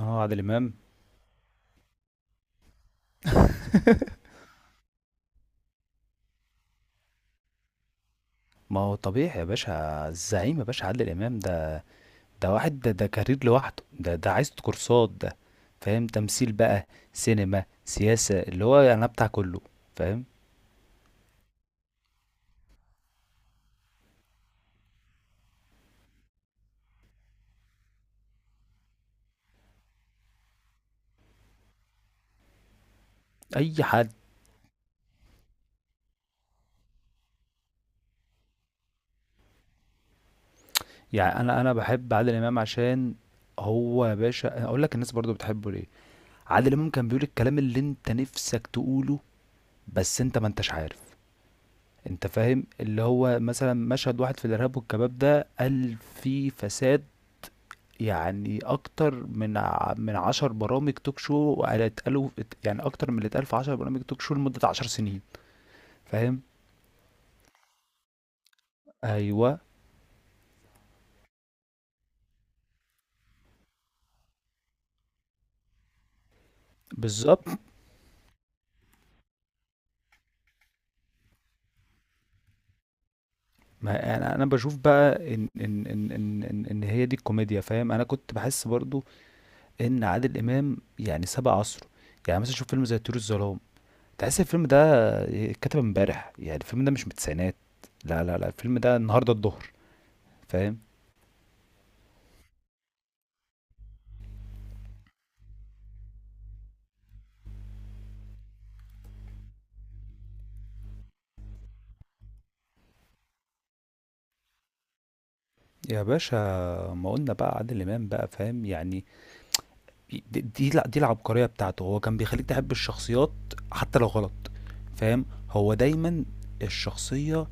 اه، عادل امام. ما هو طبيعي يا باشا، الزعيم يا باشا، عادل امام ده. ده واحد، ده كارير لوحده، ده عايز كورسات ده. فاهم؟ تمثيل بقى، سينما، سياسة، اللي هو يعني أنا بتاع كله. فاهم؟ اي حد. يعني انا بحب عادل امام. عشان هو يا باشا اقول لك الناس برضو بتحبه ليه، عادل امام كان بيقول الكلام اللي انت نفسك تقوله، بس انت ما انتش عارف. انت فاهم؟ اللي هو مثلا مشهد واحد في الارهاب والكباب ده قال فيه فساد يعني أكتر من من عشر برامج توك شو اتقالوا. يعني أكتر من اللي اتقال في عشر برامج توك شو لمدة عشر سنين. فاهم؟ أيوه، بالظبط. ما يعني أنا بشوف بقى إن هي دي الكوميديا. فاهم؟ أنا كنت بحس برضو إن عادل إمام يعني سبق عصره. يعني مثلا شوف فيلم زي طيور الظلام، تحس الفيلم ده اتكتب امبارح. يعني الفيلم ده مش من التسعينات، لا لا لا، الفيلم ده النهارده الظهر. فاهم؟ يا باشا، ما قلنا بقى عادل امام بقى، فاهم يعني؟ دي العبقرية بتاعته، هو كان بيخليك تحب الشخصيات حتى لو غلط. فاهم؟ هو دايما الشخصية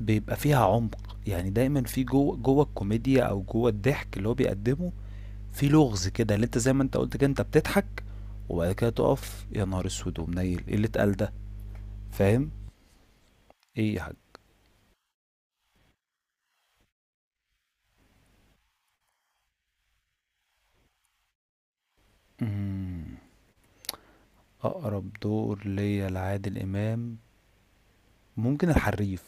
بيبقى فيها عمق. يعني دايما في جوه جوه الكوميديا او جوه الضحك اللي هو بيقدمه في لغز كده، اللي انت زي ما انت قلت كده انت بتضحك وبعد كده تقف يا نهار اسود ومنيل، ايه اللي اتقال ده؟ فاهم؟ ايه يا حاج؟ مم. اقرب دور ليا لعادل امام ممكن الحريف.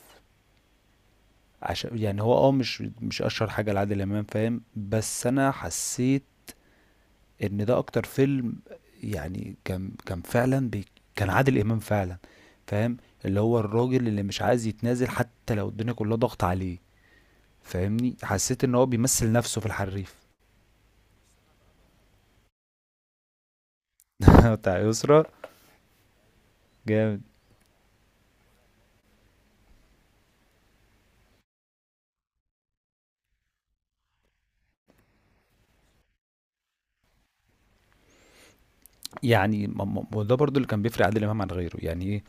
عشان يعني هو اه، مش مش اشهر حاجه لعادل امام، فاهم؟ بس انا حسيت ان ده اكتر فيلم، يعني كان كان فعلا بي، كان عادل امام فعلا. فاهم؟ اللي هو الراجل اللي مش عايز يتنازل حتى لو الدنيا كلها ضغط عليه. فاهمني؟ حسيت ان هو بيمثل نفسه في الحريف. بتاع يسرا. جامد. يعني ما- ما- ما ده برضو اللي كان بيفرق عادل امام عن غيره. يعني ايه؟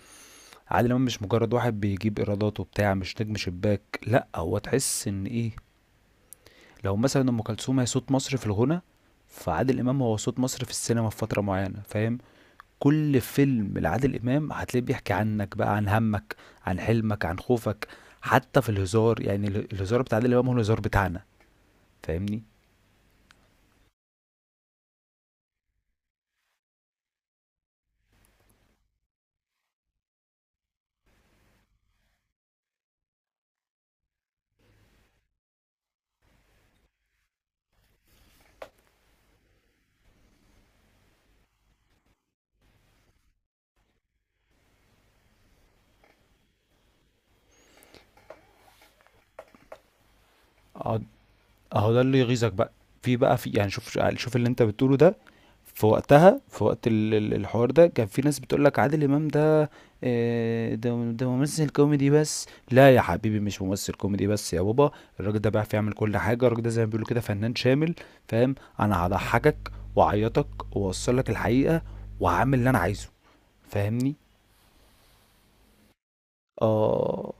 عادل امام مش مجرد واحد بيجيب ايرادات وبتاع، مش نجم شباك، لا، هو تحس ان ايه، لو مثلا ام كلثوم هي صوت مصر في الغنى، فعادل امام هو صوت مصر في السينما في فتره معينه. فاهم؟ كل فيلم لعادل امام هتلاقيه بيحكي عنك بقى، عن همك، عن حلمك، عن خوفك. حتى في الهزار، يعني الهزار بتاع عادل امام هو الهزار بتاعنا. فاهمني؟ اه، اهو ده اللي يغيظك بقى. في بقى في، يعني شوف شوف اللي انت بتقوله ده، في وقتها، في وقت الحوار ده كان في ناس بتقول لك عادل امام ده آه، ده ممثل كوميدي بس. لا يا حبيبي، مش ممثل كوميدي بس يا بابا، الراجل ده بيعرف يعمل كل حاجه، الراجل ده زي ما بيقولوا كده فنان شامل. فاهم؟ انا هضحكك واعيطك واوصل لك الحقيقه وهعمل اللي انا عايزه. فاهمني؟ اه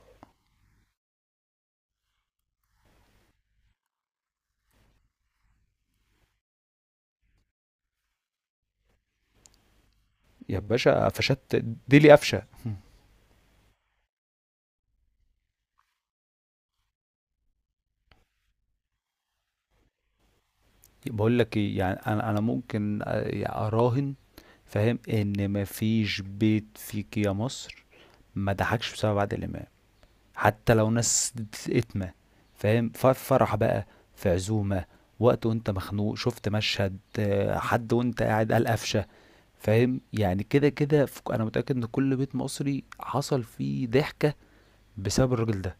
يا باشا، فشت ديلي قفشه. بقول لك ايه، يعني انا ممكن آه، اراهن، فاهم، ان مفيش بيت فيك يا مصر ما ضحكش بسبب عادل امام. حتى لو ناس اتمه. فاهم؟ في فرح بقى، في عزومه، وقت وانت مخنوق شفت مشهد آه، حد وانت قاعد قال قفشه. فاهم؟ يعني كده كده انا متاكد ان كل بيت مصري حصل فيه ضحكه بسبب الراجل ده.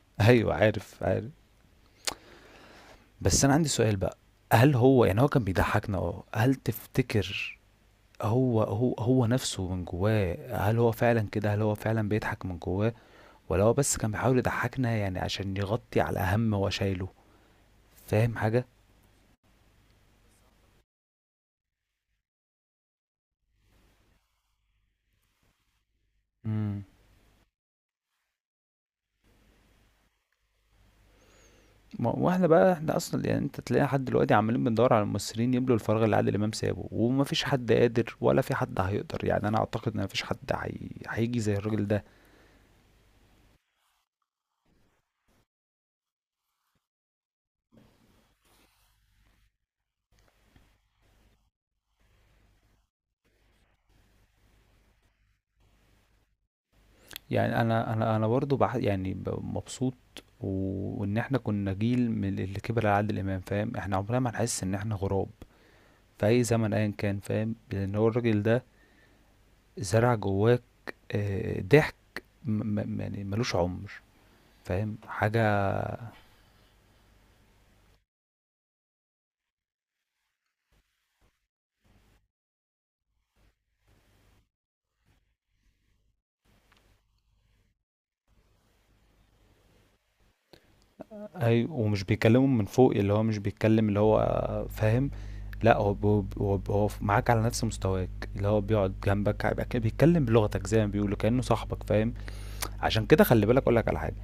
ايوه، عارف عارف. بس انا عندي سؤال بقى، هل هو يعني هو كان بيضحكنا؟ اه، هل تفتكر هو نفسه من جواه هل هو فعلا كده، هل هو فعلا بيضحك من جواه، ولا هو بس كان بيحاول يضحكنا يعني عشان يغطي على هم هو شايله؟ فاهم حاجة؟ امم. واحنا بقى احنا اصلا، يعني انت تلاقي حد دلوقتي عمالين بندور على الممثلين يملوا الفراغ اللي عادل امام سابه ومفيش حد قادر ولا في حد هيقدر. يعني انا اعتقد ان مفيش حد هيجي زي الراجل ده. يعني انا برضه يعني مبسوط وان احنا كنا جيل من اللي كبر على عادل امام. فاهم؟ احنا عمرنا ما هنحس ان احنا غراب في اي زمن ايا كان. فاهم؟ لان هو الراجل ده زرع جواك آه، ضحك يعني ملوش عمر. فاهم حاجة؟ أي، ومش بيكلمهم من فوق، اللي هو مش بيتكلم اللي هو آه، فاهم؟ لا، هو هو معاك على نفس مستواك، اللي هو بيقعد جنبك هيبقى كده بيتكلم بلغتك زي ما بيقولوا كأنه صاحبك. فاهم؟ عشان كده خلي بالك اقول لك على حاجة،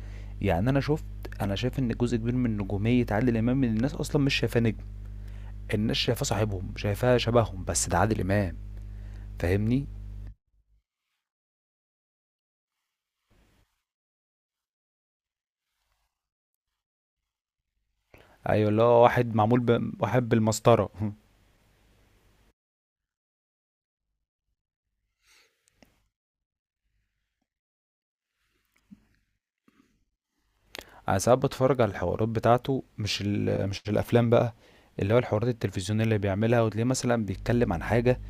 يعني انا شفت، انا شايف ان جزء كبير من نجومية عادل امام الناس اصلا مش شايفاه نجم، الناس شايفاه صاحبهم، شايفاه شبههم، بس ده عادل امام. فاهمني؟ أيوه، اللي هو واحد معمول ب واحد بالمسطرة. أنا ساعات باتفرج على الحوارات بتاعته، مش مش الأفلام بقى، اللي هو الحوارات التلفزيونية اللي بيعملها، وتلاقيه مثلا بيتكلم عن حاجة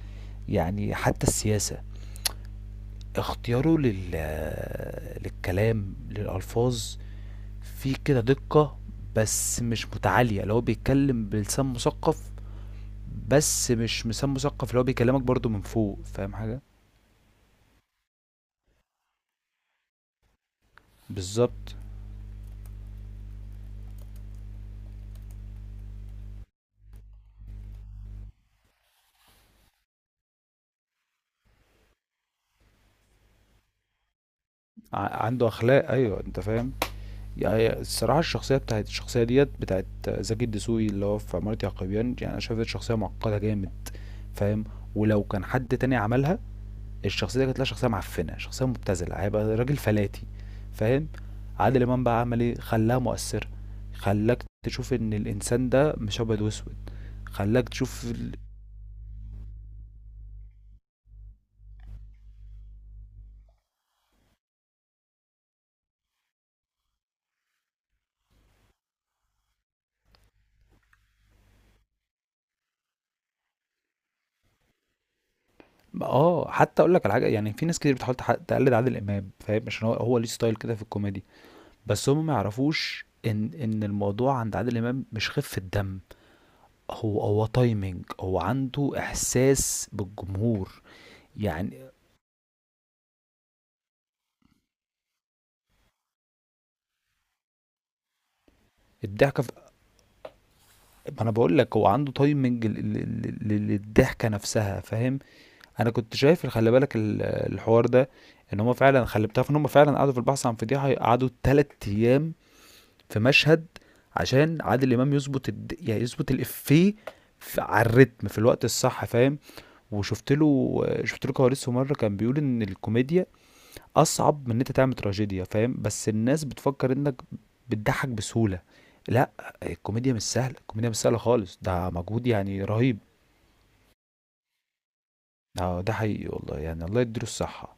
يعني حتى السياسة، اختياره للكلام، للألفاظ، فيه كده دقة، بس مش متعالية، اللي هو بيتكلم بلسان مثقف بس مش لسان مثقف اللي هو بيكلمك برضه من فوق. فاهم حاجة؟ بالظبط. ع- عنده أخلاق، أيوه، أنت فاهم. يعني الصراحة الشخصية بتاعت الشخصية ديت بتاعت زكي الدسوقي اللي هو في عمارة يعقوبيان، يعني أنا شايف ديت شخصية معقدة جامد. فاهم؟ ولو كان حد تاني عملها الشخصية دي كانت لها شخصية معفنة، شخصية مبتذلة، هيبقى راجل فلاتي. فاهم؟ عادل إمام بقى عمل ايه؟ خلاها مؤثرة. خلاك تشوف ان الانسان ده مش ابيض واسود. خلاك تشوف اه، حتى اقول لك على حاجه، يعني في ناس كتير بتحاول تقلد عادل امام. فاهم؟ عشان هو ليه ستايل كده في الكوميدي، بس هم ما يعرفوش ان الموضوع عند عادل امام مش خفه دم، هو تايمنج، هو عنده احساس بالجمهور. يعني الضحكه في... ما انا بقول لك هو عنده تايمنج للضحكه نفسها. فاهم؟ انا كنت شايف، خلي بالك الحوار ده، ان هم فعلا، خلي بتعرف ان هم فعلا قعدوا في البحث عن فضيحه قعدوا تلات ايام في مشهد عشان عادل امام يظبط يعني يظبط الافيه، على الريتم في الوقت الصح. فاهم؟ وشفت له، شفت له كواليسه مره كان بيقول ان الكوميديا أصعب من إن أنت تعمل تراجيديا. فاهم؟ بس الناس بتفكر إنك بتضحك بسهولة. لأ، الكوميديا مش سهلة، الكوميديا مش سهلة خالص، ده مجهود يعني رهيب. آه، ده حقيقي والله، يعني الله يديله الصحة.